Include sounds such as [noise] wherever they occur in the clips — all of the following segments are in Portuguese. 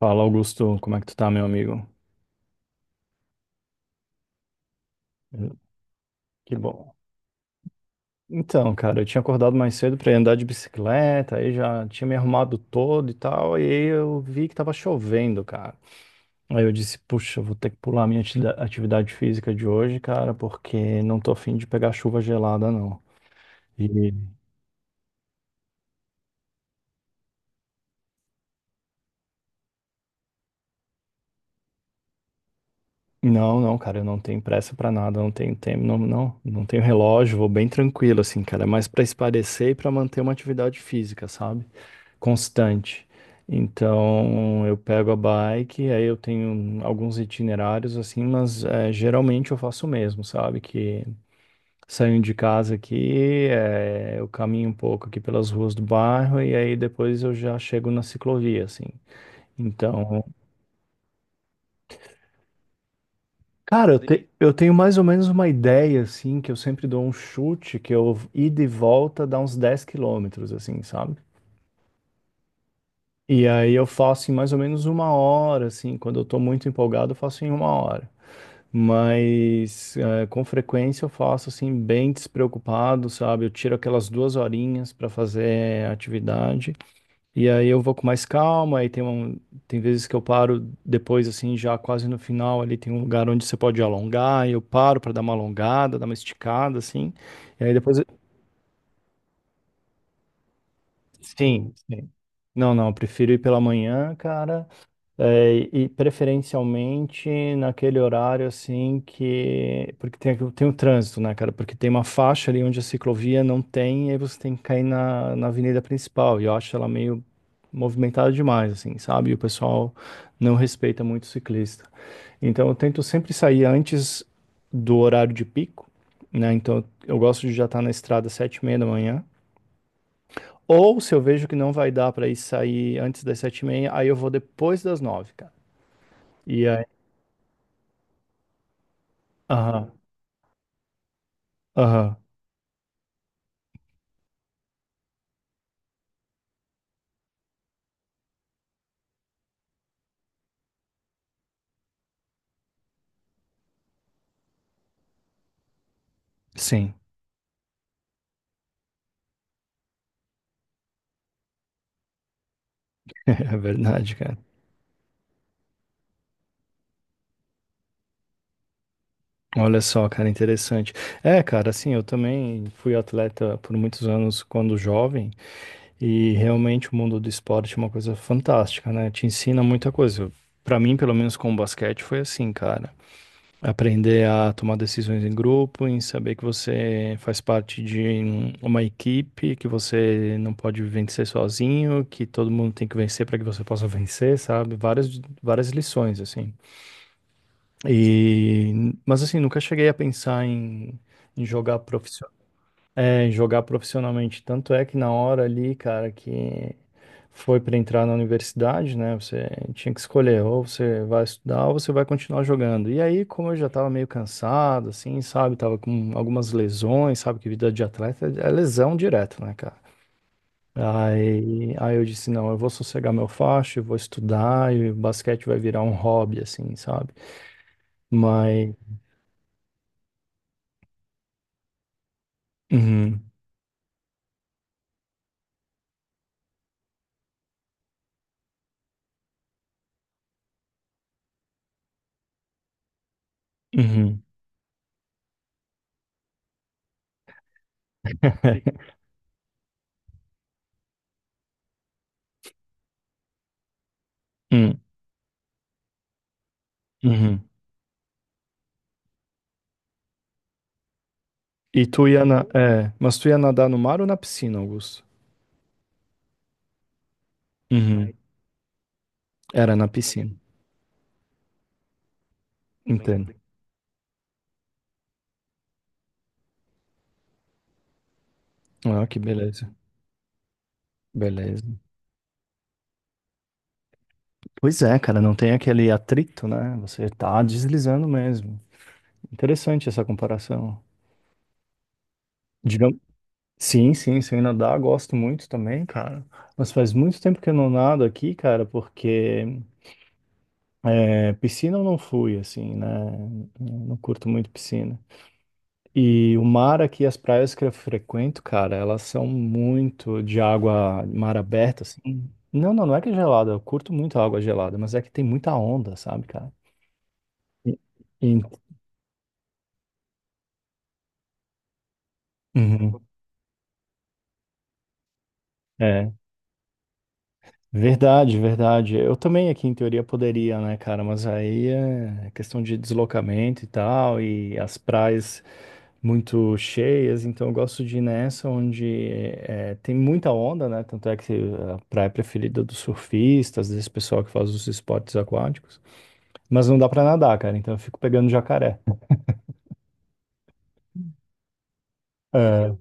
Fala, Augusto, como é que tu tá, meu amigo? Que bom. Então, cara, eu tinha acordado mais cedo pra ir andar de bicicleta, aí já tinha me arrumado todo e tal, e aí eu vi que tava chovendo, cara. Aí eu disse, puxa, eu vou ter que pular a minha atividade física de hoje, cara, porque não tô afim de pegar chuva gelada, não. E não, não, cara, eu não tenho pressa pra nada, não tenho tempo, não tenho relógio, vou bem tranquilo, assim, cara, é mais pra esparecer e pra manter uma atividade física, sabe? Constante. Então eu pego a bike, aí eu tenho alguns itinerários assim, mas geralmente eu faço o mesmo, sabe? Que saio de casa aqui, eu caminho um pouco aqui pelas ruas do bairro e aí depois eu já chego na ciclovia, assim. Então, cara, eu tenho mais ou menos uma ideia, assim, que eu sempre dou um chute, que eu ida e volta dá uns 10 quilômetros, assim, sabe? E aí eu faço em mais ou menos uma hora, assim, quando eu tô muito empolgado, eu faço em uma hora. Mas com frequência eu faço assim, bem despreocupado, sabe? Eu tiro aquelas duas horinhas para fazer atividade. E aí eu vou com mais calma, tem vezes que eu paro depois, assim, já quase no final, ali tem um lugar onde você pode alongar, e eu paro para dar uma alongada, dar uma esticada, assim. E aí depois. Sim, sim. Não, não, eu prefiro ir pela manhã, cara. É, e preferencialmente naquele horário assim que. Porque tem, tem o trânsito, né, cara? Porque tem uma faixa ali onde a ciclovia não tem, e aí você tem que cair na avenida principal. E eu acho ela meio movimentada demais, assim, sabe? E o pessoal não respeita muito o ciclista. Então eu tento sempre sair antes do horário de pico, né? Então eu gosto de já estar na estrada às sete e meia da manhã. Ou se eu vejo que não vai dar para ir sair antes das sete e meia, aí eu vou depois das nove, cara. E aham, aham, sim, [laughs] é verdade, cara. Olha só, cara, interessante. É, cara, assim, eu também fui atleta por muitos anos quando jovem e realmente o mundo do esporte é uma coisa fantástica, né? Te ensina muita coisa. Pra mim, pelo menos com o basquete, foi assim, cara. Aprender a tomar decisões em grupo, em saber que você faz parte de uma equipe, que você não pode vencer sozinho, que todo mundo tem que vencer para que você possa vencer, sabe? Várias, várias lições, assim. E, mas assim, nunca cheguei a pensar em é, em jogar profissionalmente. Tanto é que na hora ali, cara, que foi para entrar na universidade, né? Você tinha que escolher, ou você vai estudar ou você vai continuar jogando. E aí, como eu já tava meio cansado, assim, sabe? Tava com algumas lesões, sabe? Que vida de atleta é lesão direto, né, cara? Aí eu disse, não, eu vou sossegar meu facho, eu vou estudar e o basquete vai virar um hobby, assim, sabe? Mas uhum. Uhum. [laughs] Hum, uhum. É, mas tu ia nadar no mar ou na piscina, Augusto? Uhum. Era na piscina. Entendo. Ah, que beleza. Beleza. Pois é, cara, não tem aquele atrito, né? Você tá deslizando mesmo. Interessante essa comparação. Digam- Sim, sim, sem nadar, gosto muito também, cara. Mas faz muito tempo que eu não nado aqui, cara, porque piscina eu não fui, assim, né? Eu não curto muito piscina. E o mar aqui, as praias que eu frequento, cara, elas são muito de água, mar aberta, assim. Não, não, não é que é gelada, eu curto muito a água gelada, mas é que tem muita onda, sabe, cara? E- e- Uhum. É. Verdade, verdade. Eu também aqui em teoria poderia, né, cara? Mas aí é questão de deslocamento e tal, e as praias muito cheias, então eu gosto de ir nessa onde tem muita onda, né? Tanto é que a praia preferida dos surfistas, desse pessoal que faz os esportes aquáticos. Mas não dá pra nadar, cara, então eu fico pegando jacaré. É.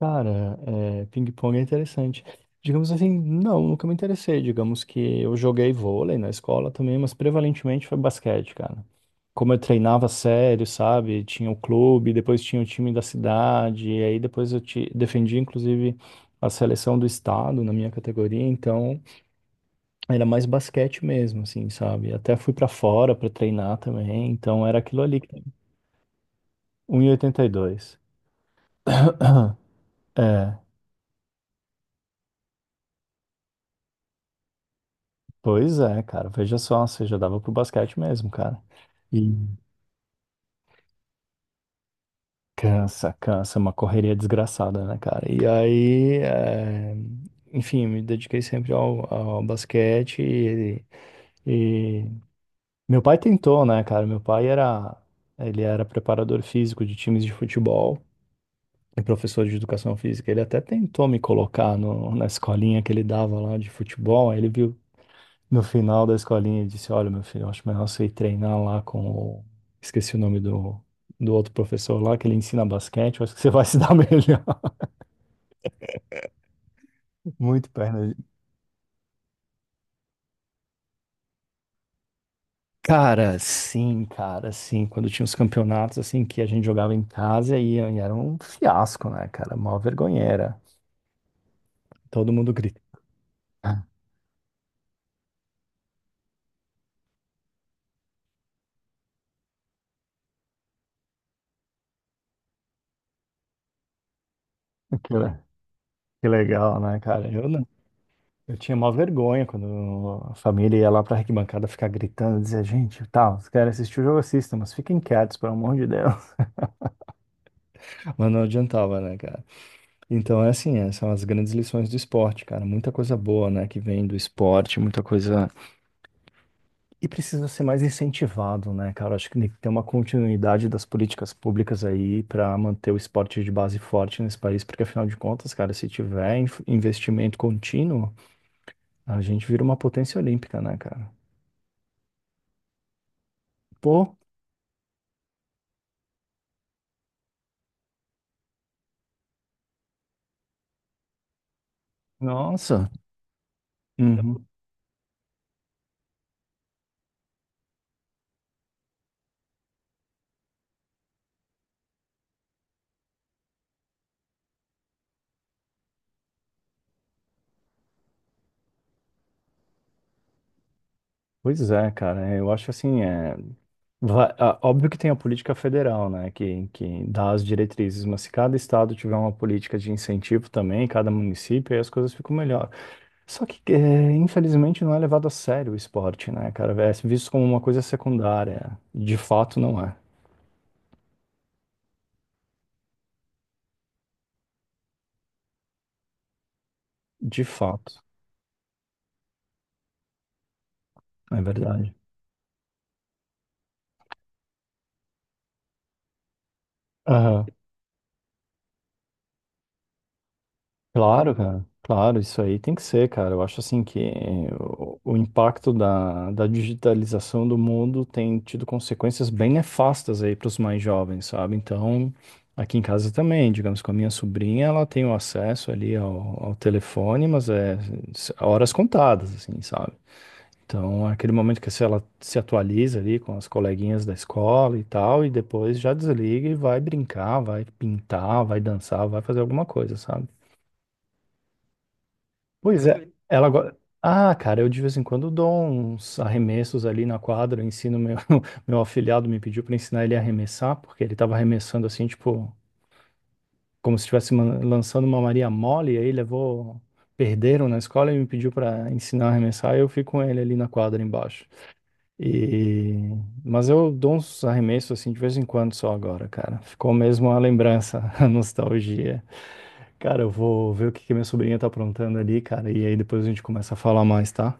Cara, é, ping-pong é interessante. Digamos assim, não, nunca me interessei. Digamos que eu joguei vôlei na escola também, mas prevalentemente foi basquete, cara. Como eu treinava sério, sabe? Tinha o clube, depois tinha o time da cidade, e aí depois eu te defendi, inclusive, a seleção do estado na minha categoria, então era mais basquete mesmo, assim, sabe? Até fui pra fora pra treinar também, então era aquilo ali, um 1,82. [coughs] É. Pois é, cara. Veja só, você já dava pro basquete mesmo, cara. E cansa, cansa, é uma correria desgraçada, né, cara? E aí, enfim, me dediquei sempre ao basquete e meu pai tentou, né, cara? Meu pai era, ele era preparador físico de times de futebol e professor de educação física. Ele até tentou me colocar no, na escolinha que ele dava lá de futebol. Aí ele viu. No final da escolinha, ele disse: Olha, meu filho, eu acho melhor você ir treinar lá com o. Esqueci o nome do outro professor lá, que ele ensina basquete. Eu acho que você vai se dar [laughs] melhor. Muito perna. Cara, sim, cara, sim. Quando tinha os campeonatos, assim, que a gente jogava em casa e era um fiasco, né, cara? Mó vergonheira. Todo mundo grita. [laughs] Que, le- que legal, né, cara? Eu não. Eu tinha mó vergonha quando a família ia lá pra arquibancada ficar gritando, dizer, gente, tá, vocês querem assistir o jogo, assistam, mas fiquem quietos, pelo amor de Deus. Mas não adiantava, né, cara? Então é assim, é, são as grandes lições do esporte, cara. Muita coisa boa, né, que vem do esporte, muita coisa. E precisa ser mais incentivado, né, cara? Acho que tem que ter uma continuidade das políticas públicas aí para manter o esporte de base forte nesse país, porque afinal de contas, cara, se tiver investimento contínuo, a gente vira uma potência olímpica, né, cara? Pô, nossa. Uhum. Pois é, cara. É, eu acho assim, é. Óbvio que tem a política federal, né, que dá as diretrizes, mas se cada estado tiver uma política de incentivo também, cada município, aí as coisas ficam melhor. Só que, infelizmente, não é levado a sério o esporte, né, cara? É visto como uma coisa secundária. De fato, não é. De fato, é verdade. Aham. Claro, cara. Claro, isso aí tem que ser, cara. Eu acho assim que o impacto da digitalização do mundo tem tido consequências bem nefastas aí para os mais jovens, sabe? Então, aqui em casa também, digamos, com a minha sobrinha, ela tem o acesso ali ao telefone, mas é horas contadas, assim, sabe? Então, é aquele momento que se ela se atualiza ali com as coleguinhas da escola e tal, e depois já desliga e vai brincar, vai pintar, vai dançar, vai fazer alguma coisa, sabe? Pois é, ela agora. Ah, cara, eu de vez em quando dou uns arremessos ali na quadra, eu ensino meu [laughs] meu afilhado me pediu para ensinar ele a arremessar, porque ele tava arremessando assim, tipo, como se estivesse lançando uma Maria mole, e aí levou perderam na escola e me pediu para ensinar a arremessar, e eu fico com ele ali na quadra embaixo. E mas eu dou uns arremessos assim de vez em quando só agora, cara. Ficou mesmo a lembrança, [laughs] a nostalgia. Cara, eu vou ver o que que minha sobrinha tá aprontando ali, cara, e aí depois a gente começa a falar mais, tá?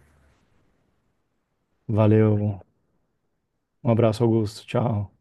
Valeu. Um abraço, Augusto. Tchau.